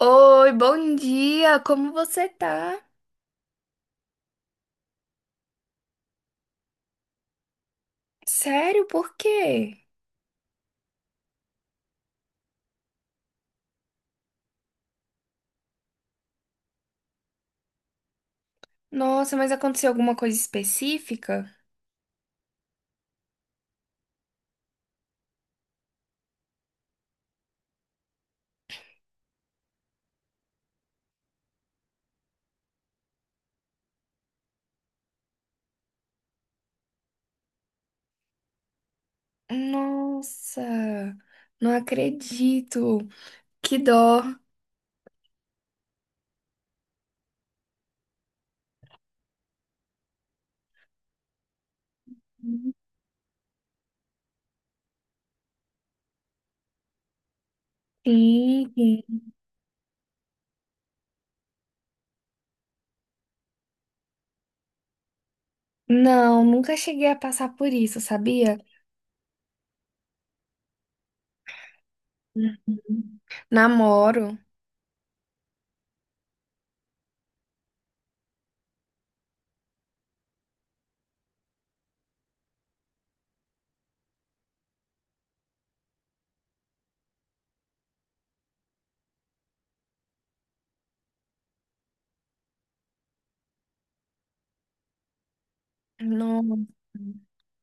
Oi, bom dia! Como você tá? Sério, por quê? Nossa, mas aconteceu alguma coisa específica? Nossa, não acredito. Que dó. Sim, sim. Não, nunca cheguei a passar por isso, sabia? Uhum. Namoro. Não,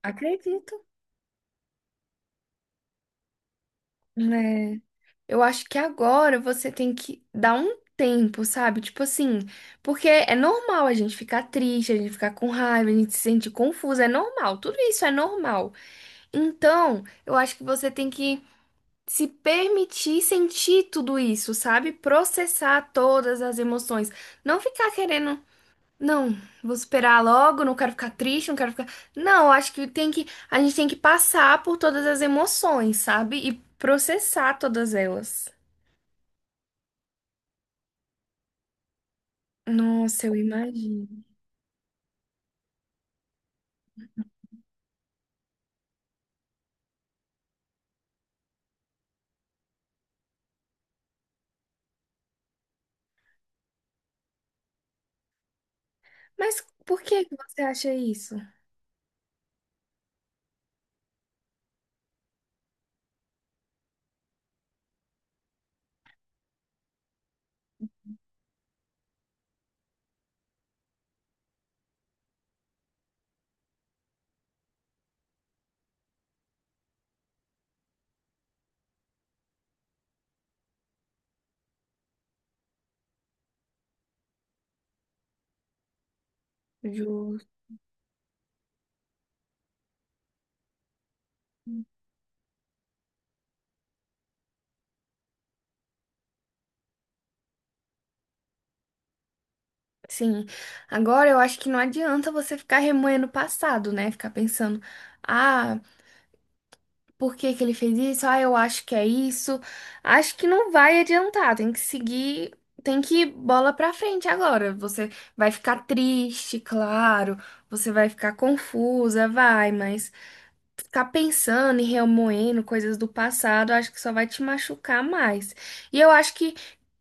acredito, né? Eu acho que agora você tem que dar um tempo, sabe? Tipo assim, porque é normal a gente ficar triste, a gente ficar com raiva, a gente se sentir confusa, é normal, tudo isso é normal. Então, eu acho que você tem que se permitir sentir tudo isso, sabe? Processar todas as emoções. Não ficar querendo, não, vou esperar logo, não quero ficar triste, não quero ficar. Não, eu acho que, a gente tem que passar por todas as emoções, sabe? E processar todas elas. Nossa, eu imagino. Mas por que que você acha isso, Ju? Sim, agora eu acho que não adianta você ficar remoendo o passado, né? Ficar pensando, ah, por que que ele fez isso? Ah, eu acho que é isso. Acho que não vai adiantar, tem que seguir, tem que ir bola pra frente agora. Você vai ficar triste, claro, você vai ficar confusa, vai, mas. Ficar pensando e remoendo coisas do passado, eu acho que só vai te machucar mais. E eu acho que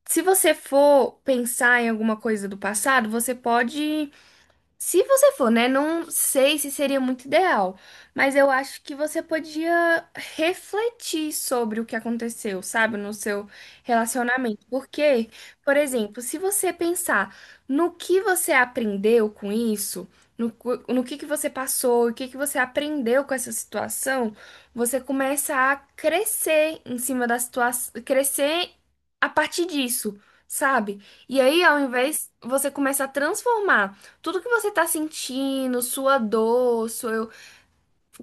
se você for pensar em alguma coisa do passado, você pode se você for, né? Não sei se seria muito ideal, mas eu acho que você podia refletir sobre o que aconteceu, sabe, no seu relacionamento. Porque, por exemplo, se você pensar no que você aprendeu com isso, no, no que você passou, o que que você aprendeu com essa situação, você começa a crescer em cima da situação, crescer a partir disso, sabe? E aí, ao invés, você começa a transformar. Tudo que você tá sentindo, sua dor, seu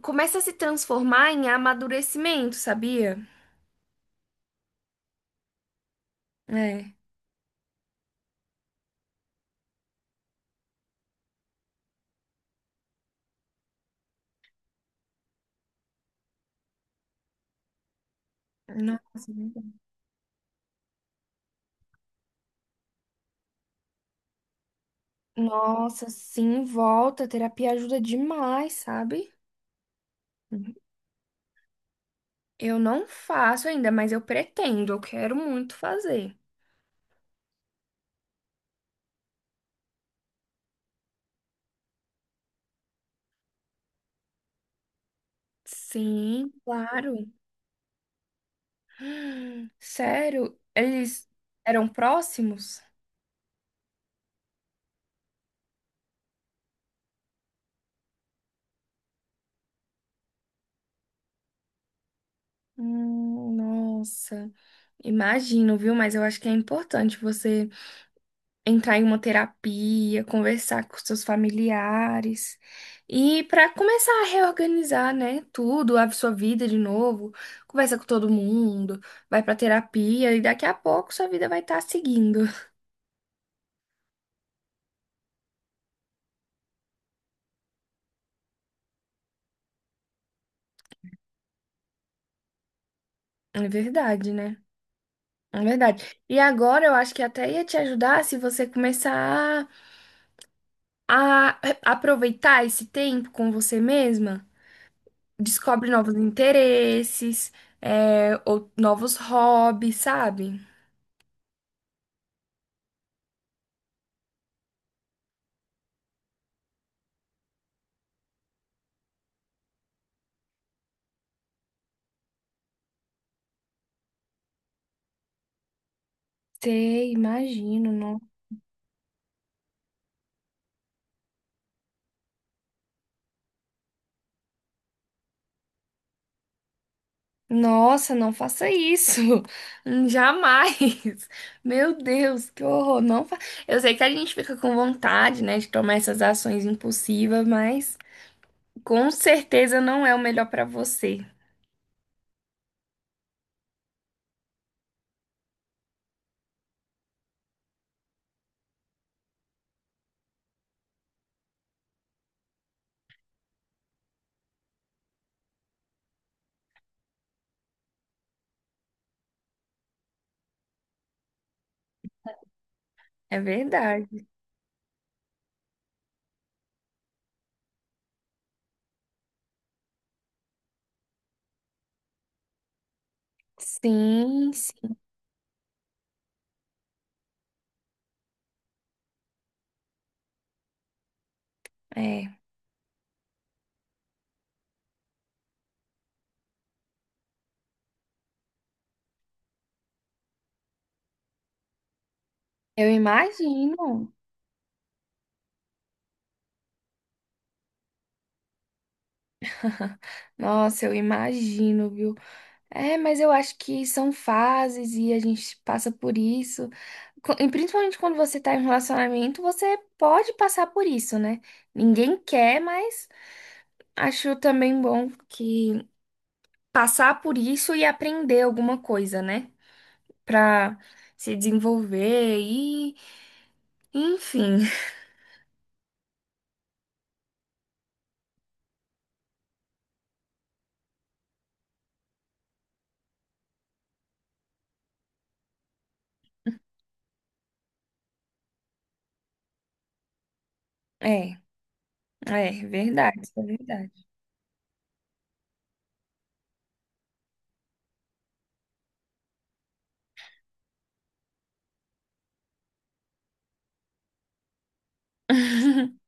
começa a se transformar em amadurecimento, sabia? É. Nossa, verdade. Nossa, sim, volta. A terapia ajuda demais, sabe? Eu não faço ainda, mas eu pretendo, eu quero muito fazer. Sim, claro. Sério, eles eram próximos? Nossa, imagino, viu? Mas eu acho que é importante você entrar em uma terapia, conversar com seus familiares e para começar a reorganizar, né, tudo, a sua vida de novo, conversa com todo mundo, vai para terapia e daqui a pouco sua vida vai estar seguindo. É verdade, né? É verdade. E agora eu acho que até ia te ajudar se você começar a a aproveitar esse tempo com você mesma, descobre novos interesses, é, ou novos hobbies, sabe? Sei, imagino, não. Nossa, não faça isso. Jamais. Meu Deus, que horror. Não fa... Eu sei que a gente fica com vontade, né, de tomar essas ações impulsivas, mas com certeza não é o melhor para você. É verdade. Sim, sim. É. Eu imagino. Nossa, eu imagino, viu? É, mas eu acho que são fases e a gente passa por isso. E principalmente quando você tá em um relacionamento, você pode passar por isso, né? Ninguém quer, mas acho também bom que passar por isso e aprender alguma coisa, né? Pra se desenvolver e, enfim. É, é verdade, isso é verdade.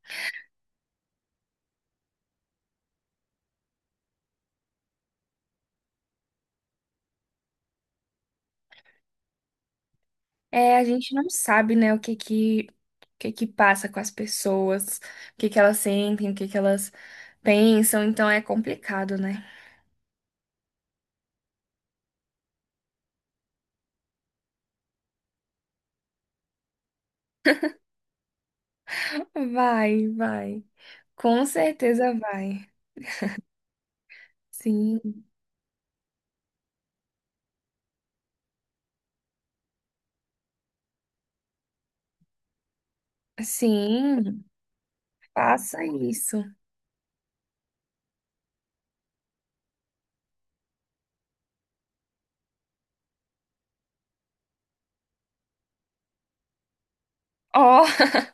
É, a gente não sabe, né, o que que passa com as pessoas, o que que elas sentem, o que que elas pensam, então é complicado, né? Vai, vai. Com certeza vai. Sim, sim, faça isso. Ó,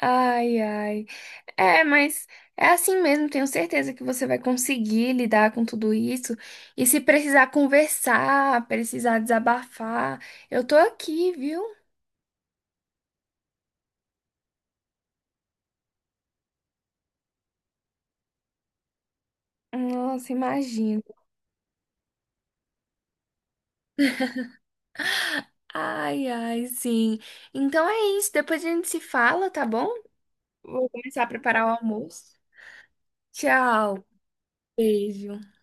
ai, ai. É, mas é assim mesmo, tenho certeza que você vai conseguir lidar com tudo isso. E se precisar conversar, precisar desabafar, eu tô aqui, viu? Nossa, imagina. Ai, ai, sim. Então é isso. Depois a gente se fala, tá bom? Vou começar a preparar o almoço. Tchau. Beijo.